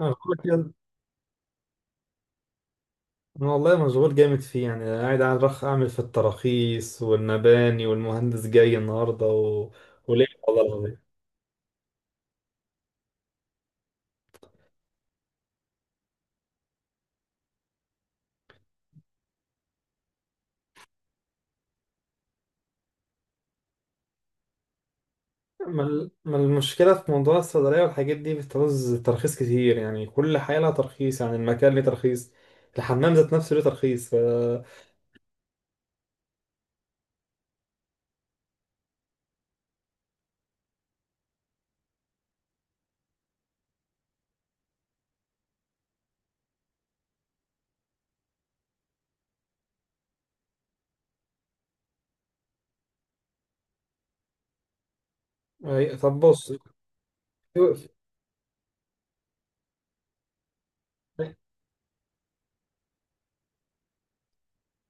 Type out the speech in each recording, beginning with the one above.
أنا بقول لك يلا. أنا والله مشغول جامد فيه، يعني قاعد على رخ أعمل في التراخيص والمباني والمهندس جاي النهاردة وليه والله العظيم. ما المشكلة في موضوع الصيدلية والحاجات دي؟ بتعوز ترخيص كتير، يعني كل حاجة لها ترخيص، يعني المكان ليه ترخيص، الحمام ذات نفسه ليه ترخيص طب بص.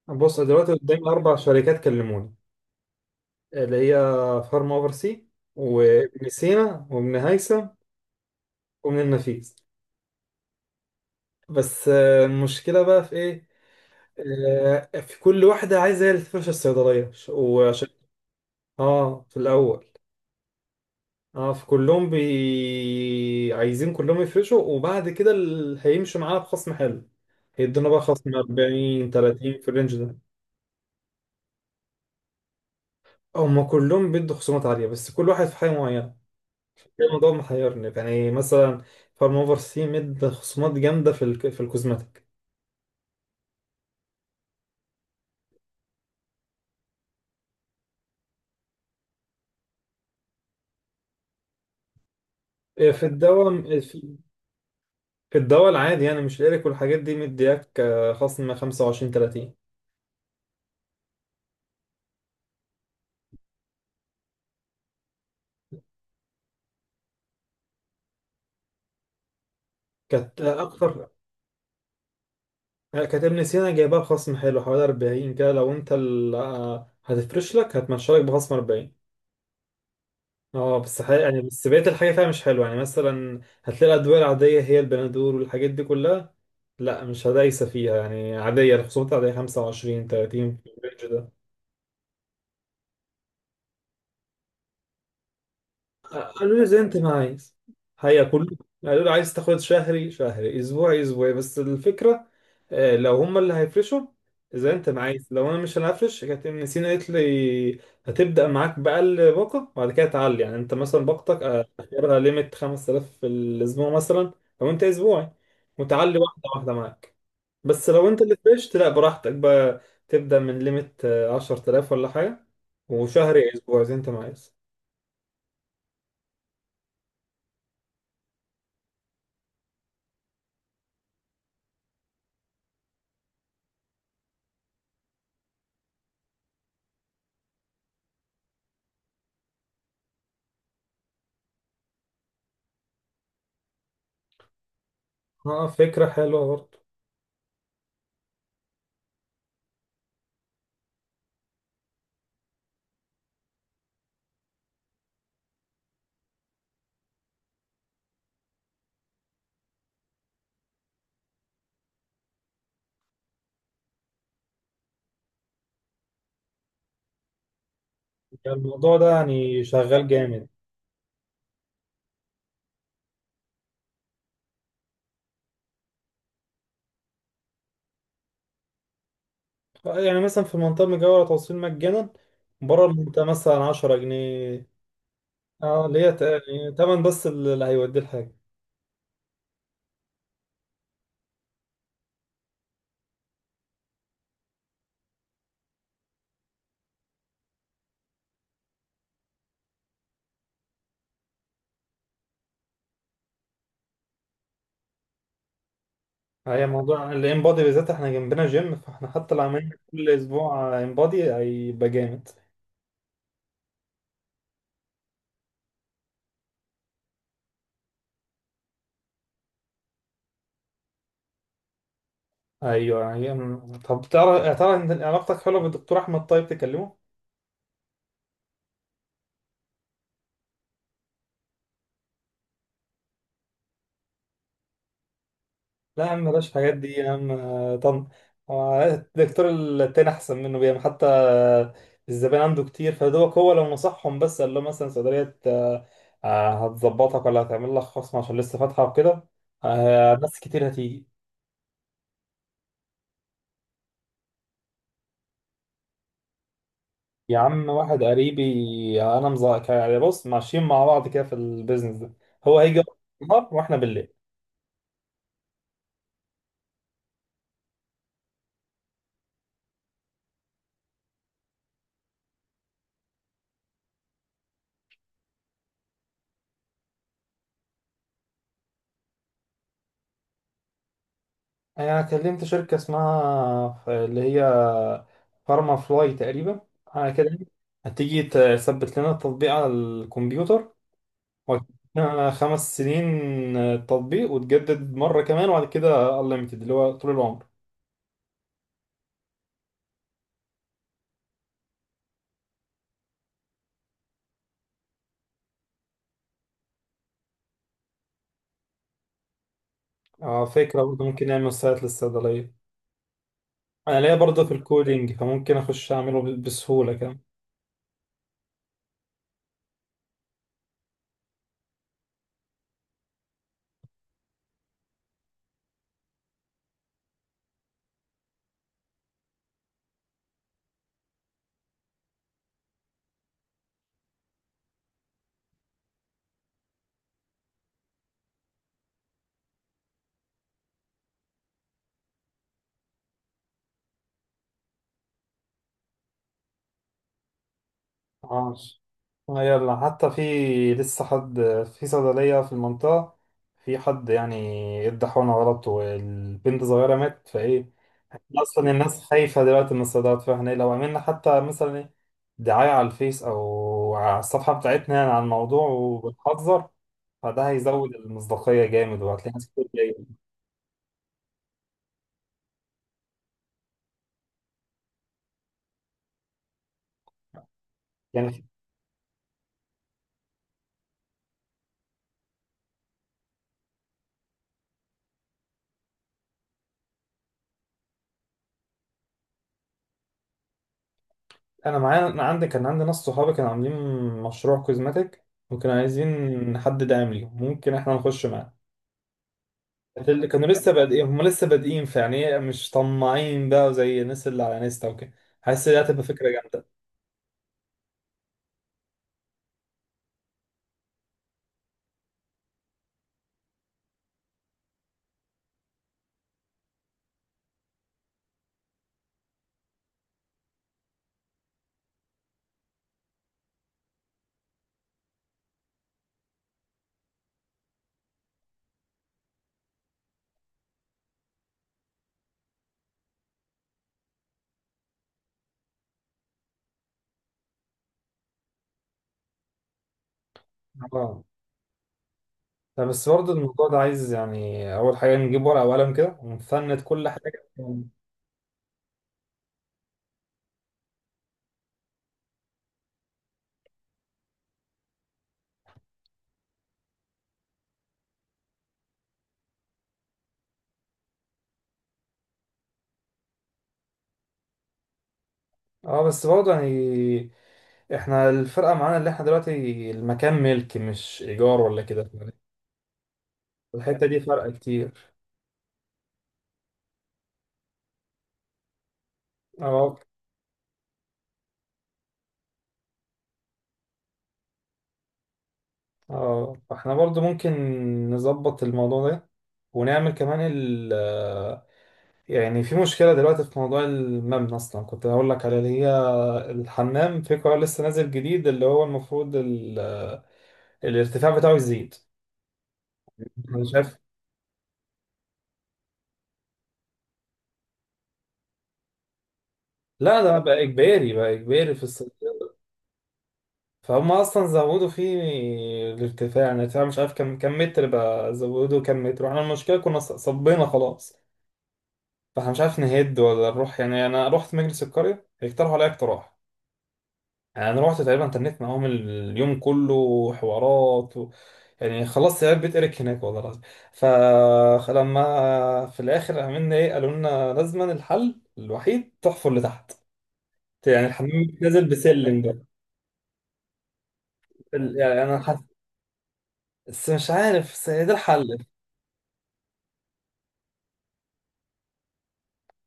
بص دلوقتي قدامي أربع شركات كلموني، اللي هي فارما أوفر سي وابن سينا وابن هيثم وابن النفيس. بس المشكلة بقى في ايه؟ في كل واحدة عايزة هي اللي تفرش الصيدلية وعشان اه، في الأول. اه، في كلهم عايزين كلهم يفرشوا، وبعد كده اللي هيمشوا معانا بخصم حلو هيدونا بقى خصم 40 30 في الرينج ده. هما كلهم بيدوا خصومات عالية، بس كل واحد في حاجة معينة. ده الموضوع محيرني، يعني مثلا فارما اوفر سي مد خصومات جامدة في الكوزماتيك. في الدواء، الدواء العادي، يعني مش الإيريك والحاجات دي مدياك، خصم 25 30. كانت أكتر. كانت ابن سينا جايبها بخصم حلو، حوالي 40 كده. لو أنت هتفرش لك، هتمشي لك بخصم 40. اه، بس حقيقة يعني، بس بقية الحاجة فيها مش حلوة، يعني مثلا هتلاقي الأدوية العادية هي البنادول والحاجات دي كلها، لا مش هدايسة فيها، يعني عادية، الخصومات العادية 25 30 في الرينج. قالوا لي زي انت ما عايز، هي كله. قالوا لي عايز تاخد شهري شهري اسبوعي اسبوعي، بس الفكره لو هم اللي هيفرشوا. زي انت ما عايز. لو انا مش هنفرش، كانت ابن سينا قالت لي هتبدا معاك باقل باقه، وبعد كده تعلي. يعني انت مثلا باقتك اخرها ليميت 5000 في الاسبوع مثلا، لو انت اسبوعي، وتعلي واحده واحده معاك. بس لو انت اللي فرشت، لا براحتك بقى، تبدا من ليميت 10000 ولا حاجه، وشهري اسبوع زي انت ما عايز. اه، فكرة حلوة برضه. يعني الموضوع ده يعني شغال جامد. يعني مثلا في المنطقة المجاورة توصيل مجانا، بره المنطقة مثلا 10 جنيه. اه، اللي هي يعني تمن بس اللي هيوديه الحاجة. هي موضوع الانبادي بالذات، احنا جنبنا جيم، فاحنا حتى لو عملنا كل اسبوع انبادي هيبقى جامد. ايوه يعني. طب تعرف، يعني تعرف ان علاقتك حلوة بالدكتور احمد، طيب تكلمه. لا يا عم، بلاش الحاجات دي يا عم، طن. الدكتور التاني أحسن منه، بيعمل حتى الزبائن عنده كتير، فدوك هو لو نصحهم بس، قال له مثلا صيدلية، هتظبطك ولا هتعمل لك خصم عشان لسه فاتحة وكده. ناس كتير هتيجي. يا عم، واحد قريبي أنا مزا، يعني بص، ماشيين مع بعض كده في البيزنس ده، هو هيجي النهار وإحنا بالليل. انا كلمت شركة اسمها اللي هي فارما فلاي تقريبا على كده. هتيجي تثبت لنا التطبيق على الكمبيوتر، وهتدينا 5 سنين تطبيق، وتجدد مرة كمان، وبعد كده unlimited اللي هو طول العمر. فكرة برضه، ممكن نعمل سايت للصيدلية. انا ليا برضه في الكودينج، فممكن اخش اعمله بسهولة كمان. اه. يلا. حتى في، لسه حد في صيدلية في المنطقة، في حد يعني ادى حقنة غلط والبنت صغيرة ماتت، فايه احنا اصلا الناس خايفة دلوقتي من الصيدليات، فاحنا إيه، لو عملنا حتى مثلا ايه دعاية على الفيس او على الصفحة بتاعتنا يعني عن الموضوع وبنحذر، فده هيزود المصداقية جامد وهتلاقي ناس كتير جاية. يعني أنا معايا، أنا عندي، كان عندي ناس صحابي كانوا عاملين مشروع كوزماتيك، وكانوا عايزين حد داعم ليهم، ممكن إحنا نخش معاه. اللي كانوا لسه بادئين، هم لسه بادئين، فيعني إيه، مش طماعين بقى زي الناس اللي على انستا وكده. حاسس ان دي هتبقى فكره جامده. اه، طب بس برضه الموضوع ده عايز يعني اول حاجه نجيب ورقه وقلم كده ونفند كل حاجه. اه بس برضه يعني احنا الفرقه معانا، اللي احنا دلوقتي المكان ملك مش ايجار ولا كده، الحته دي فرق كتير. اه، اه، فاحنا برضه ممكن نظبط الموضوع ده، ونعمل كمان يعني في مشكلة دلوقتي في موضوع المبنى. أصلا كنت هقول لك على اللي هي الحمام، في قرار لسه نازل جديد اللي هو المفروض الارتفاع بتاعه يزيد. أنا شايف، لا ده بقى إجباري، بقى إجباري في الصيف. فهم أصلا زودوا فيه الارتفاع، يعني الارتفاع مش عارف كم متر بقى، زودوا كم متر، وإحنا المشكلة كنا صبينا خلاص. فإحنا مش عارف نهد ولا نروح، يعني أنا رحت مجلس القرية اقترحوا عليا اقتراح. يعني انا رحت تقريبا تنيت معاهم اليوم كله حوارات يعني خلصت عيال بيت اريك هناك والله العظيم. فلما في الاخر عملنا ايه، قالوا لنا لازما الحل الوحيد تحفر لتحت، يعني الحمام نازل بسلم بقى. يعني بس مش عارف، بس ده الحل.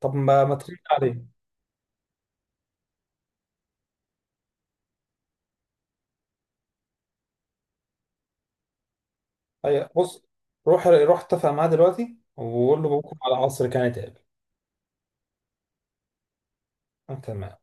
طب ما ما ترد عليه. أي بص، روح روح اتفق معاه دلوقتي وقول له بكره على العصر كان يتقابل. تمام.